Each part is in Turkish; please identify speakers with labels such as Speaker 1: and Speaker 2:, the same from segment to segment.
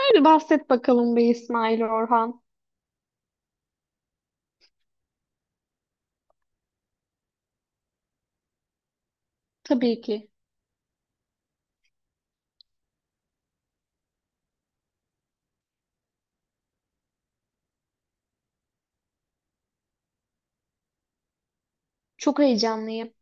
Speaker 1: Hadi bahset bakalım be İsmail Orhan. Tabii ki. Çok heyecanlıyım.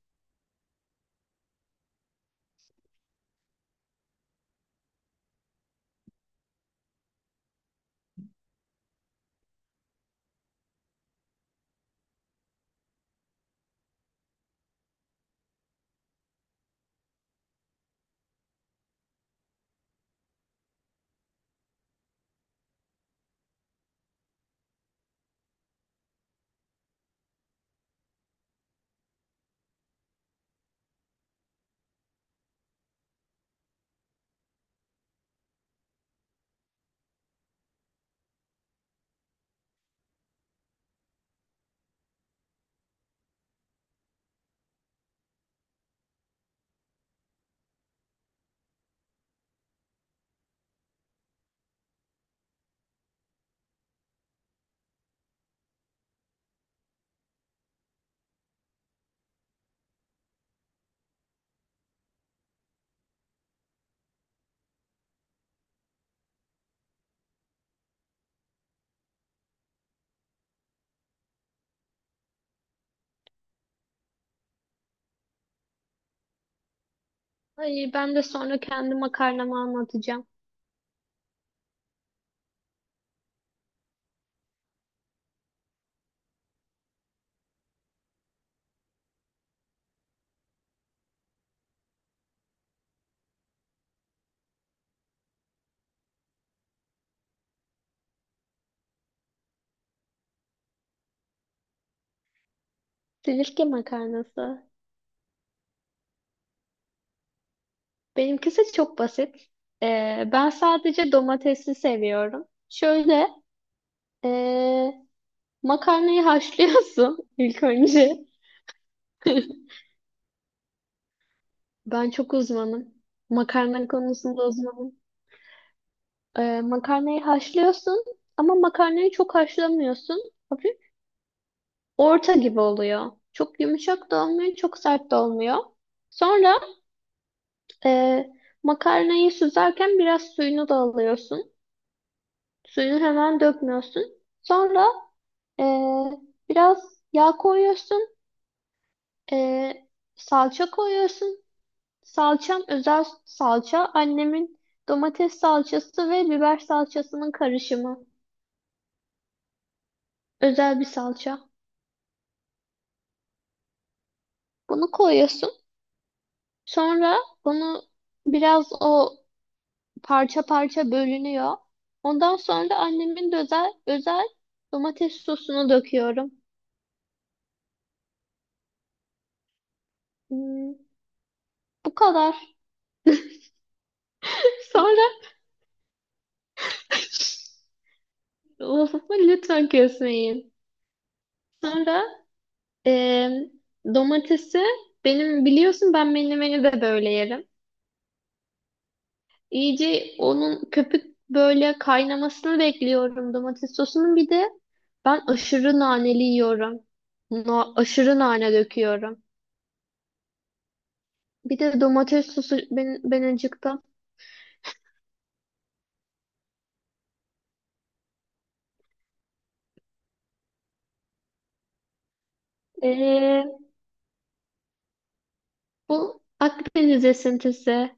Speaker 1: Ay ben de sonra kendi makarnamı anlatacağım. Silifke makarnası. Benimkisi çok basit. Ben sadece domatesi seviyorum. Şöyle ee, makarnayı haşlıyorsun ilk önce. Ben çok uzmanım. Makarna konusunda uzmanım. Makarnayı haşlıyorsun ama makarnayı çok haşlamıyorsun. Hafif orta gibi oluyor. Çok yumuşak da olmuyor, çok sert de olmuyor. Sonra e, makarnayı süzerken biraz suyunu da alıyorsun. Suyunu hemen dökmüyorsun. Sonra e, biraz yağ koyuyorsun. E, Salça koyuyorsun. Salçam özel salça. Annemin domates salçası ve biber salçasının karışımı. Özel bir salça. Bunu koyuyorsun. Sonra onu biraz o parça parça bölünüyor. Ondan sonra da annemin de özel domates sosunu döküyorum. Hmm, bu kadar. Sonra lafımı lütfen kesmeyin. Sonra e, domatesi benim biliyorsun ben menemeni de böyle yerim. İyice onun köpük böyle kaynamasını bekliyorum domates sosunun. Bir de ben aşırı naneli yiyorum. Aşırı nane döküyorum. Bir de domates sosu ben acıktım. Ee, Bu Akdeniz esintisi.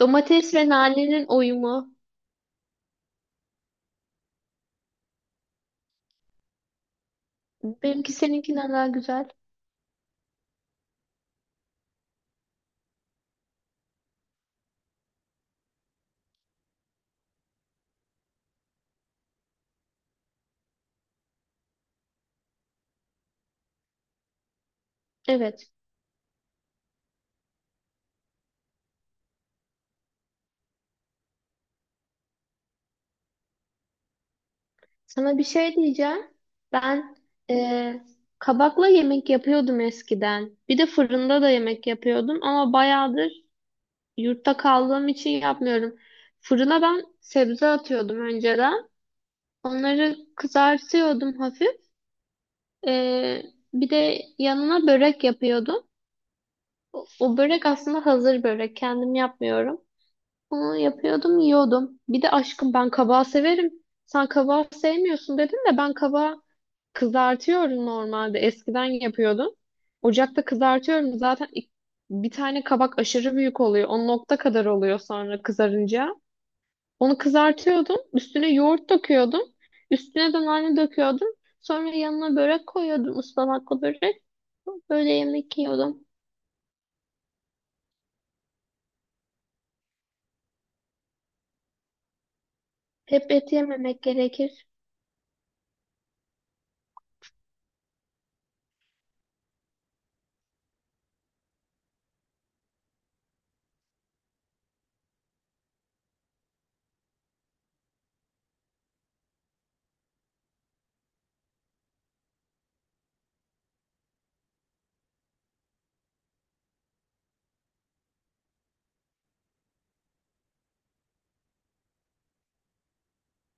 Speaker 1: Domates ve nanenin uyumu. Benimki seninkinden daha güzel. Evet. Sana bir şey diyeceğim. Ben ee, kabakla yemek yapıyordum eskiden. Bir de fırında da yemek yapıyordum ama bayağıdır yurtta kaldığım için yapmıyorum. Fırına ben sebze atıyordum önceden. Onları kızartıyordum hafif. Ee, Bir de yanına börek yapıyordum. O börek aslında hazır börek. Kendim yapmıyorum. Bunu yapıyordum, yiyordum. Bir de aşkım ben kabağı severim. Sen kabağı sevmiyorsun dedin de ben kabağı kızartıyorum normalde. Eskiden yapıyordum. Ocakta kızartıyorum. Zaten bir tane kabak aşırı büyük oluyor. O nokta kadar oluyor sonra kızarınca. Onu kızartıyordum. Üstüne yoğurt döküyordum. Üstüne de nane döküyordum. Sonra yanına börek koyuyordum. Ispanaklı börek. Böyle yemek yiyordum. Hep et yememek gerekir.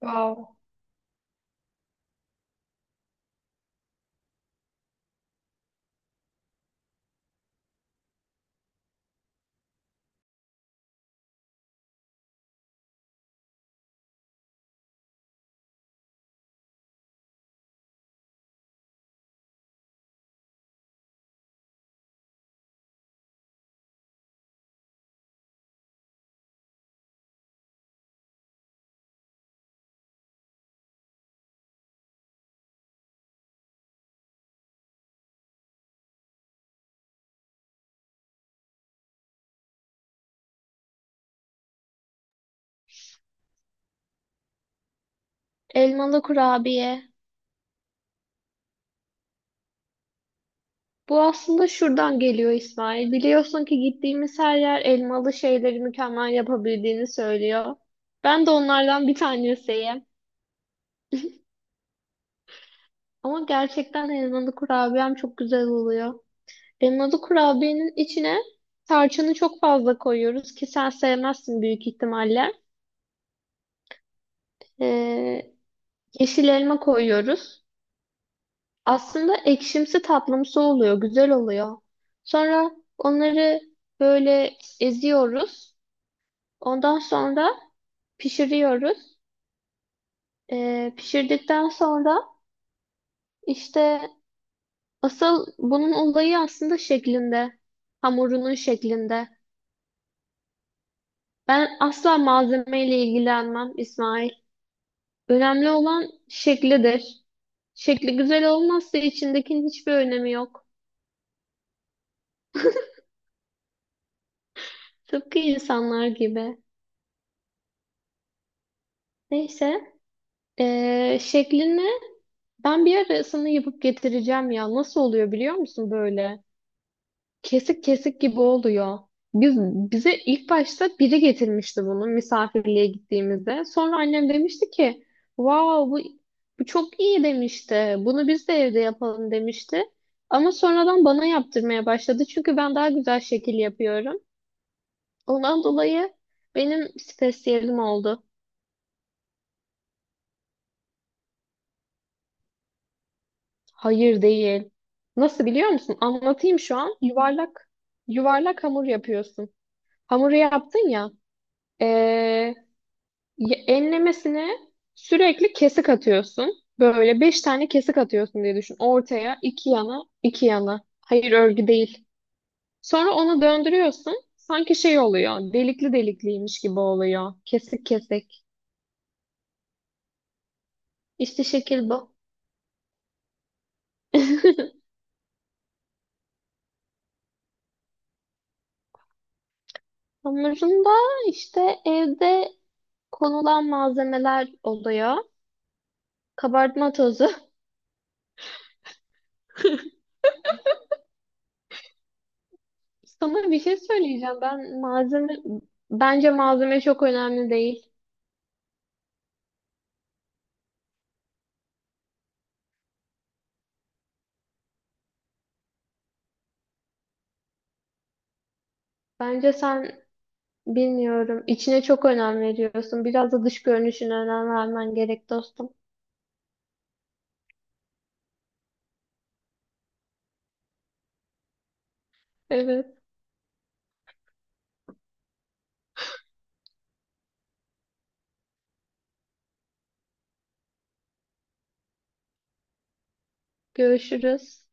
Speaker 1: Wow. Elmalı kurabiye. Bu aslında şuradan geliyor İsmail. Biliyorsun ki gittiğimiz her yer elmalı şeyleri mükemmel yapabildiğini söylüyor. Ben de onlardan bir tanesiyim. Ama gerçekten elmalı kurabiyem çok güzel oluyor. Elmalı kurabiyenin içine tarçını çok fazla koyuyoruz ki sen sevmezsin büyük ihtimalle. Ee, Yeşil elma koyuyoruz. Aslında ekşimsi tatlımsı oluyor, güzel oluyor. Sonra onları böyle eziyoruz. Ondan sonra pişiriyoruz. Pişirdikten sonra işte asıl bunun olayı aslında şeklinde. Hamurunun şeklinde. Ben asla malzemeyle ilgilenmem İsmail. Önemli olan şeklidir. Şekli güzel olmazsa içindekinin hiçbir önemi yok. Tıpkı insanlar gibi. Neyse, şeklini ben bir arasını yapıp getireceğim ya. Nasıl oluyor biliyor musun böyle? Kesik kesik gibi oluyor. Biz, bize ilk başta biri getirmişti bunu misafirliğe gittiğimizde. Sonra annem demişti ki, wow bu çok iyi demişti. Bunu biz de evde yapalım demişti. Ama sonradan bana yaptırmaya başladı. Çünkü ben daha güzel şekil yapıyorum. Ondan dolayı benim spesiyelim oldu. Hayır değil. Nasıl biliyor musun? Anlatayım şu an. Yuvarlak hamur yapıyorsun. Hamuru yaptın ya. ee, Enlemesine sürekli kesik atıyorsun. Böyle beş tane kesik atıyorsun diye düşün. Ortaya, iki yana, iki yana. Hayır örgü değil. Sonra onu döndürüyorsun. Sanki şey oluyor. Delikli delikliymiş gibi oluyor. Kesik kesik. İşte şekil bu. Hamurunda işte evde konulan malzemeler oluyor. Kabartma tozu. Sana bir şey söyleyeceğim. Bence malzeme çok önemli değil. Bence sen Bilmiyorum. İçine çok önem veriyorsun. Biraz da dış görünüşüne önem vermen gerek dostum. Evet. Görüşürüz.